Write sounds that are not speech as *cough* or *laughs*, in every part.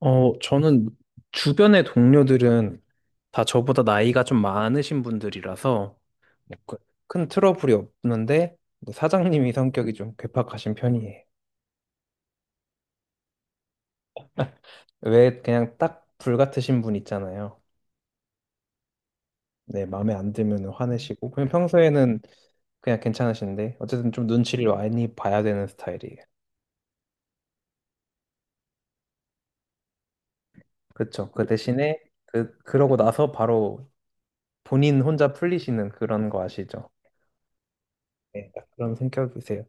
어, 저는 주변의 동료들은 다 저보다 나이가 좀 많으신 분들이라서 뭐 그, 큰 트러블이 없는데 뭐 사장님이 성격이 좀 괴팍하신 편이에요. 왜 그냥 딱 불같으신 분 있잖아요. 네, 마음에 안 들면 화내시고 그냥 평소에는 그냥 괜찮으신데 어쨌든 좀 눈치를 많이 봐야 되는 스타일이에요. 그렇죠. 그 대신에 그러고 나서 바로 본인 혼자 풀리시는 그런 거 아시죠? 네, 딱 그런 성격이세요.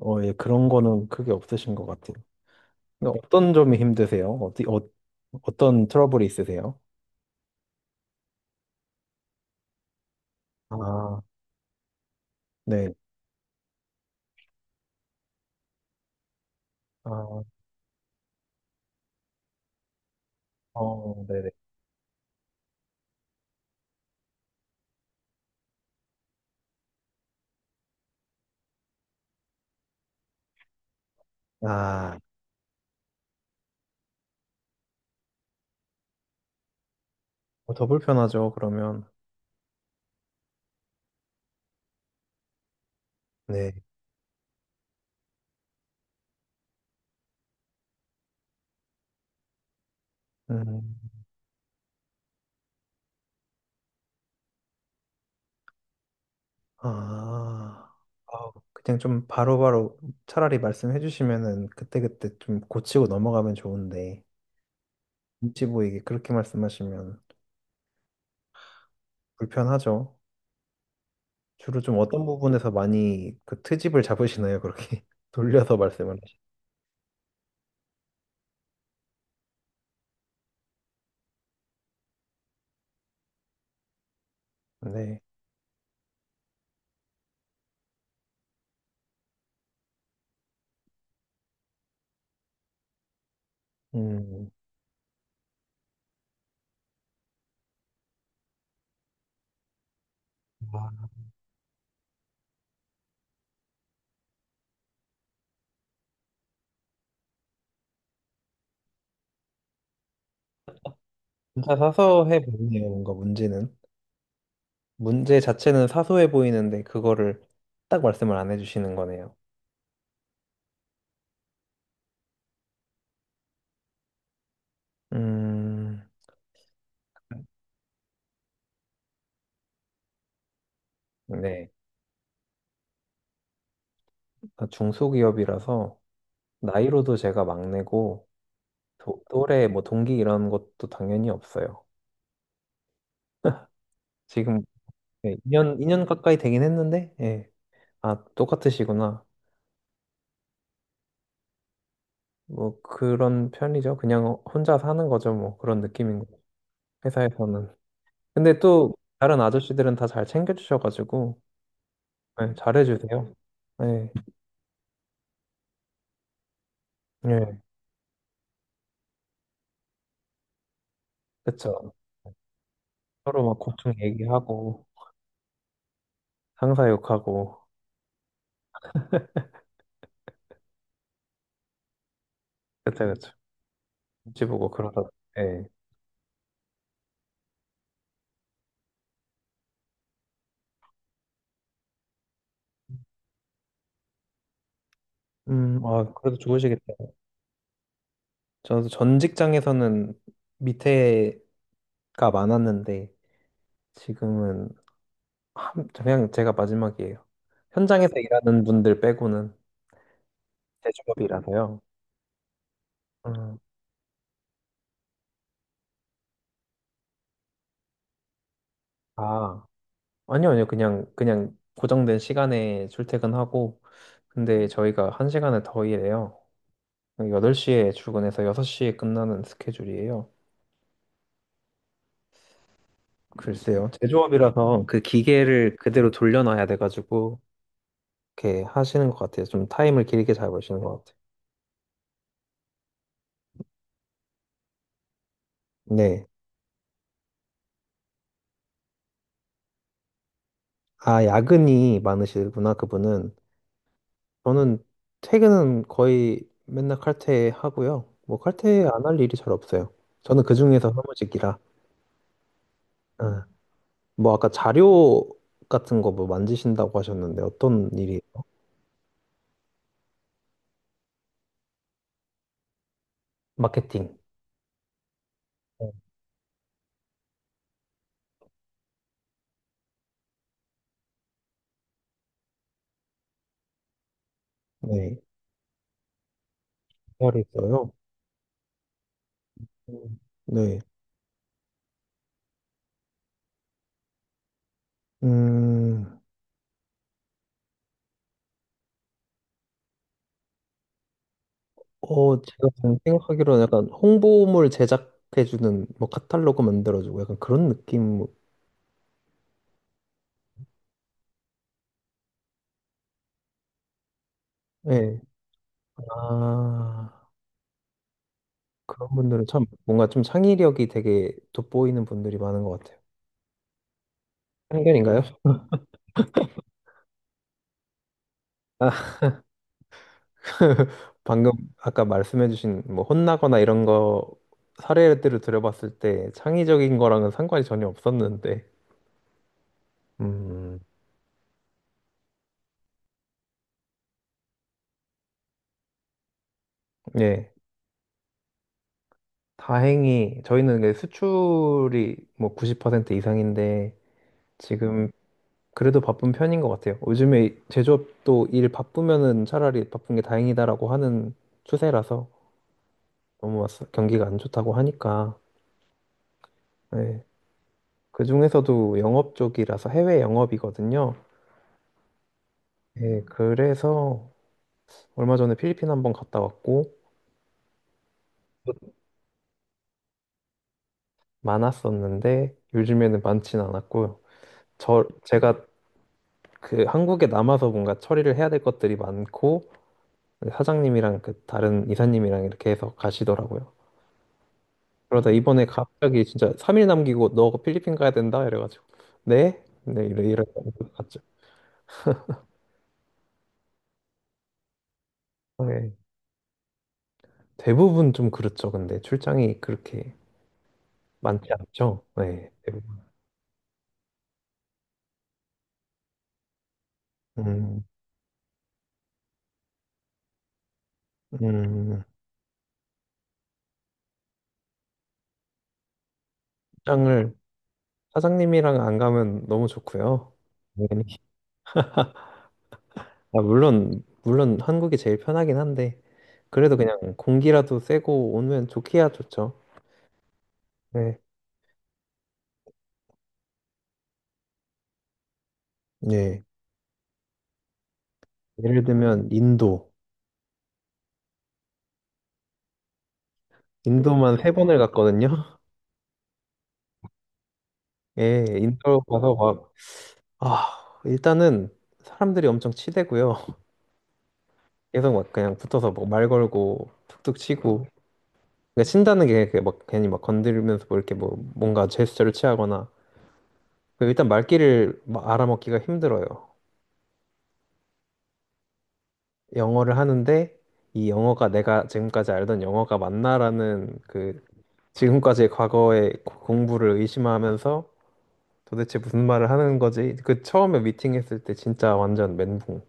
어, 예, 그런 거는 크게 없으신 것 같아요. 근데 어떤 점이 힘드세요? 어디, 어, 어떤 트러블이 있으세요? 아, 네. 아, 어, 네네. 아, 어, 더 불편하죠, 그러면. 네. 음, 아, 아, 그냥 좀 바로바로 차라리 말씀해 주시면은 그때그때 좀 고치고 넘어가면 좋은데, 눈치 보이게 그렇게 말씀하시면 불편하죠. 주로 좀 어떤 부분에서 많이 그 트집을 잡으시나요, 그렇게? *laughs* 돌려서 말씀을 하시는데. 음, 아, 진짜 사소해 보이네요, 뭔가 문제는. 문제 자체는 사소해 보이는데, 그거를 딱 말씀을 안 해주시는 거네요. 음, 네. 그러니까 중소기업이라서, 나이로도 제가 막내고, 또래, 뭐, 동기 이런 것도 당연히 없어요. 지금, 네, 2년, 이 년 가까이 되긴 했는데, 예. 아, 똑같으시구나. 뭐, 그런 편이죠. 그냥 혼자 사는 거죠, 뭐. 그런 느낌인 거죠. 회사에서는. 근데 또, 다른 아저씨들은 다 잘 챙겨주셔가지고, 네, 잘해주세요. 네, 네, 그쵸. 서로 막 고충 얘기하고, 상사 욕하고, 그쵸, 그쵸. 눈치 보고 그러다, 네. 아, 그래도 좋으시겠다. 저도 전 직장에서는 밑에가 많았는데, 지금은, 한, 그냥 제가 마지막이에요. 현장에서 일하는 분들 빼고는 대직업이라서요. 음, 아, 아니요, 아니요. 그냥, 그냥 고정된 시간에 출퇴근하고, 근데 저희가 한 시간을 더 일해요. 8시에 출근해서 6시에 끝나는 스케줄이에요. 글쎄요. 음. 제조업이라서 그 기계를 그대로 돌려놔야 돼가지고, 이렇게 하시는 것 같아요. 좀 타임을 길게 잡으시는 것 같아요. 네. 아, 야근이 많으시구나, 그분은. 저는 퇴근은 거의 맨날 칼퇴하고요. 뭐, 칼퇴 안 할 일이 잘 없어요. 저는 그중에서 사무직이라. 아, 뭐, 아까 자료 같은 거 뭐 만지신다고 하셨는데, 어떤 일이? 마케팅. 네. 잘 있어요. 음. 네. 음, 어, 제가 지금 생각하기로는 약간 홍보물 제작해주는, 뭐, 카탈로그 만들어주고 약간 그런 느낌, 예. 아, 그런 분들은 참 뭔가 좀 창의력이 되게 돋보이는 분들이 많은 것 같아요. 편견인가요? 아, *laughs* 방금 아까 말씀해주신 뭐, 혼나거나 이런 거 사례들을 들어봤을 때 창의적인 거랑은 상관이 전혀 없었는데, 음, 예. 다행히 저희는 이게 수출이 뭐 90% 이상인데, 지금 그래도 바쁜 편인 것 같아요. 요즘에 제조업도 일 바쁘면은 차라리 바쁜 게 다행이다라고 하는 추세라서 경기가 안 좋다고 하니까. 네. 그중에서도 영업 쪽이라서 해외 영업이거든요. 네, 그래서 얼마 전에 필리핀 한번 갔다 왔고 많았었는데 요즘에는 많진 않았고요. 제가 그 한국에 남아서 뭔가 처리를 해야 될 것들이 많고 사장님이랑 그 다른 이사님이랑 이렇게 해서 가시더라고요. 그러다 이번에 갑자기 진짜 3일 남기고 너 필리핀 가야 된다 이래가지고 네? 네 이래 이래 갔죠. 네. 대부분 좀 그렇죠. 근데 출장이 그렇게 많지 않죠. 네. 대부분. 음, 음, 출장을 사장님이랑 안 가면 너무 좋고요. 당연히. 아, 물론 물론 한국이 제일 편하긴 한데 그래도 그냥 공기라도 쐬고 오면 좋기야 좋죠. 네. 네. 예를 들면 인도. 인도만 세 번을 갔거든요. *laughs* 예, 인도 가서 아, 일단은 사람들이 엄청 치대고요. *laughs* 계속 막 그냥 붙어서 막 말 걸고 툭툭 치고. 그러니까 친다는 게막 괜히 막 건드리면서 뭐 이렇게 뭐 뭔가 제스처를 취하거나. 그 일단 말귀를 막 알아먹기가 힘들어요. 영어를 하는데 이 영어가 내가 지금까지 알던 영어가 맞나라는 그 지금까지의 과거의 공부를 의심하면서 도대체 무슨 말을 하는 거지? 그 처음에 미팅했을 때 진짜 완전 멘붕이었어요.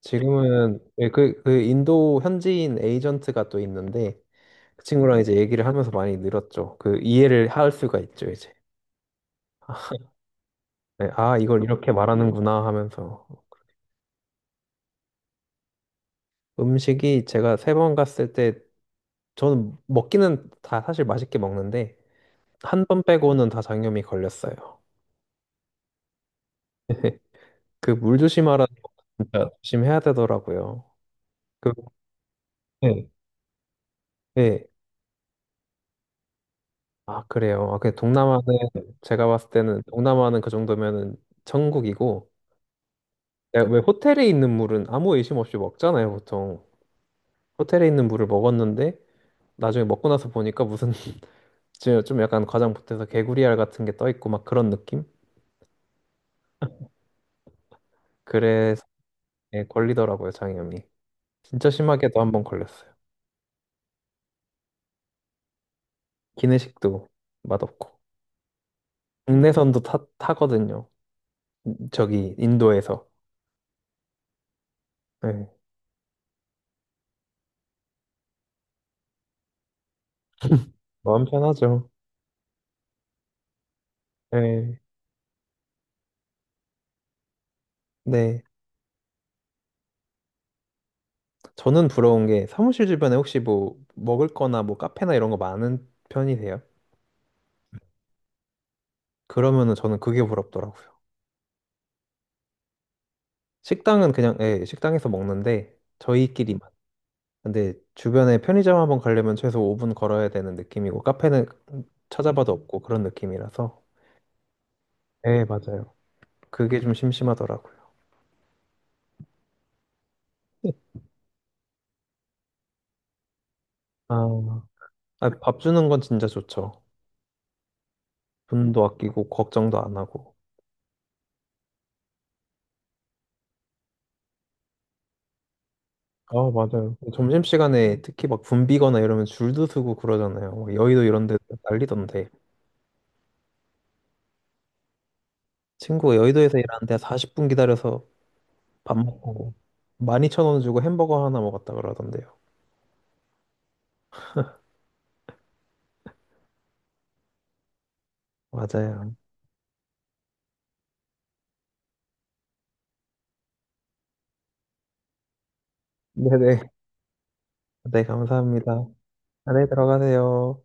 지금은 예, 그, 그 인도 현지인 에이전트가 또 있는데 그 친구랑 이제 얘기를 하면서 많이 늘었죠. 그 이해를 할 수가 있죠, 이제. 예, 아, 이걸 이렇게 말하는구나 하면서 음식이 제가 세 번 갔을 때 저는 먹기는 다 사실 맛있게 먹는데 한 번 빼고는 다 장염이 걸렸어요. *laughs* 그 물 조심하라 진짜 조심해야 되더라고요. 그 네 네. 아, 그래요. 아, 그 동남아는 제가 봤을 때는 동남아는 그 정도면은 천국이고 야, 왜 호텔에 있는 물은 아무 의심 없이 먹잖아요, 보통. 호텔에 있는 물을 먹었는데 나중에 먹고 나서 보니까 무슨 *laughs* 좀 약간 과장 보태서 개구리알 같은 게 떠 있고 막 그런 느낌? 그래서 예, 걸리더라고요, 장염이. 진짜 심하게도 한번 걸렸어요. 기내식도 맛없고. 국내선도 타거든요. 저기 인도에서. 예, 마음 편하죠. 예. 네. 저는 부러운 게 사무실 주변에 혹시 뭐 먹을 거나 뭐 카페나 이런 거 많은 편이세요? 그러면은 저는 그게 부럽더라고요. 식당은 그냥 예, 식당에서 먹는데 저희끼리만. 근데 주변에 편의점 한번 가려면 최소 5분 걸어야 되는 느낌이고 카페는 음. 찾아봐도 없고 그런 느낌이라서. 예, 맞아요. 그게 좀 심심하더라고요. 아, 아, 밥 주는 건 진짜 좋죠. 돈도 아끼고 걱정도 안 하고. 아, 맞아요. 점심시간에 특히 막 붐비거나 이러면 줄도 서고 그러잖아요. 막 여의도 이런 데 난리던데. 친구가 여의도에서 일하는데 40분 기다려서 밥 어, 먹고 12,000원 주고 햄버거 하나 먹었다 그러던데요. 맞아요. 네네. 네, 감사합니다. 안에 들어가세요.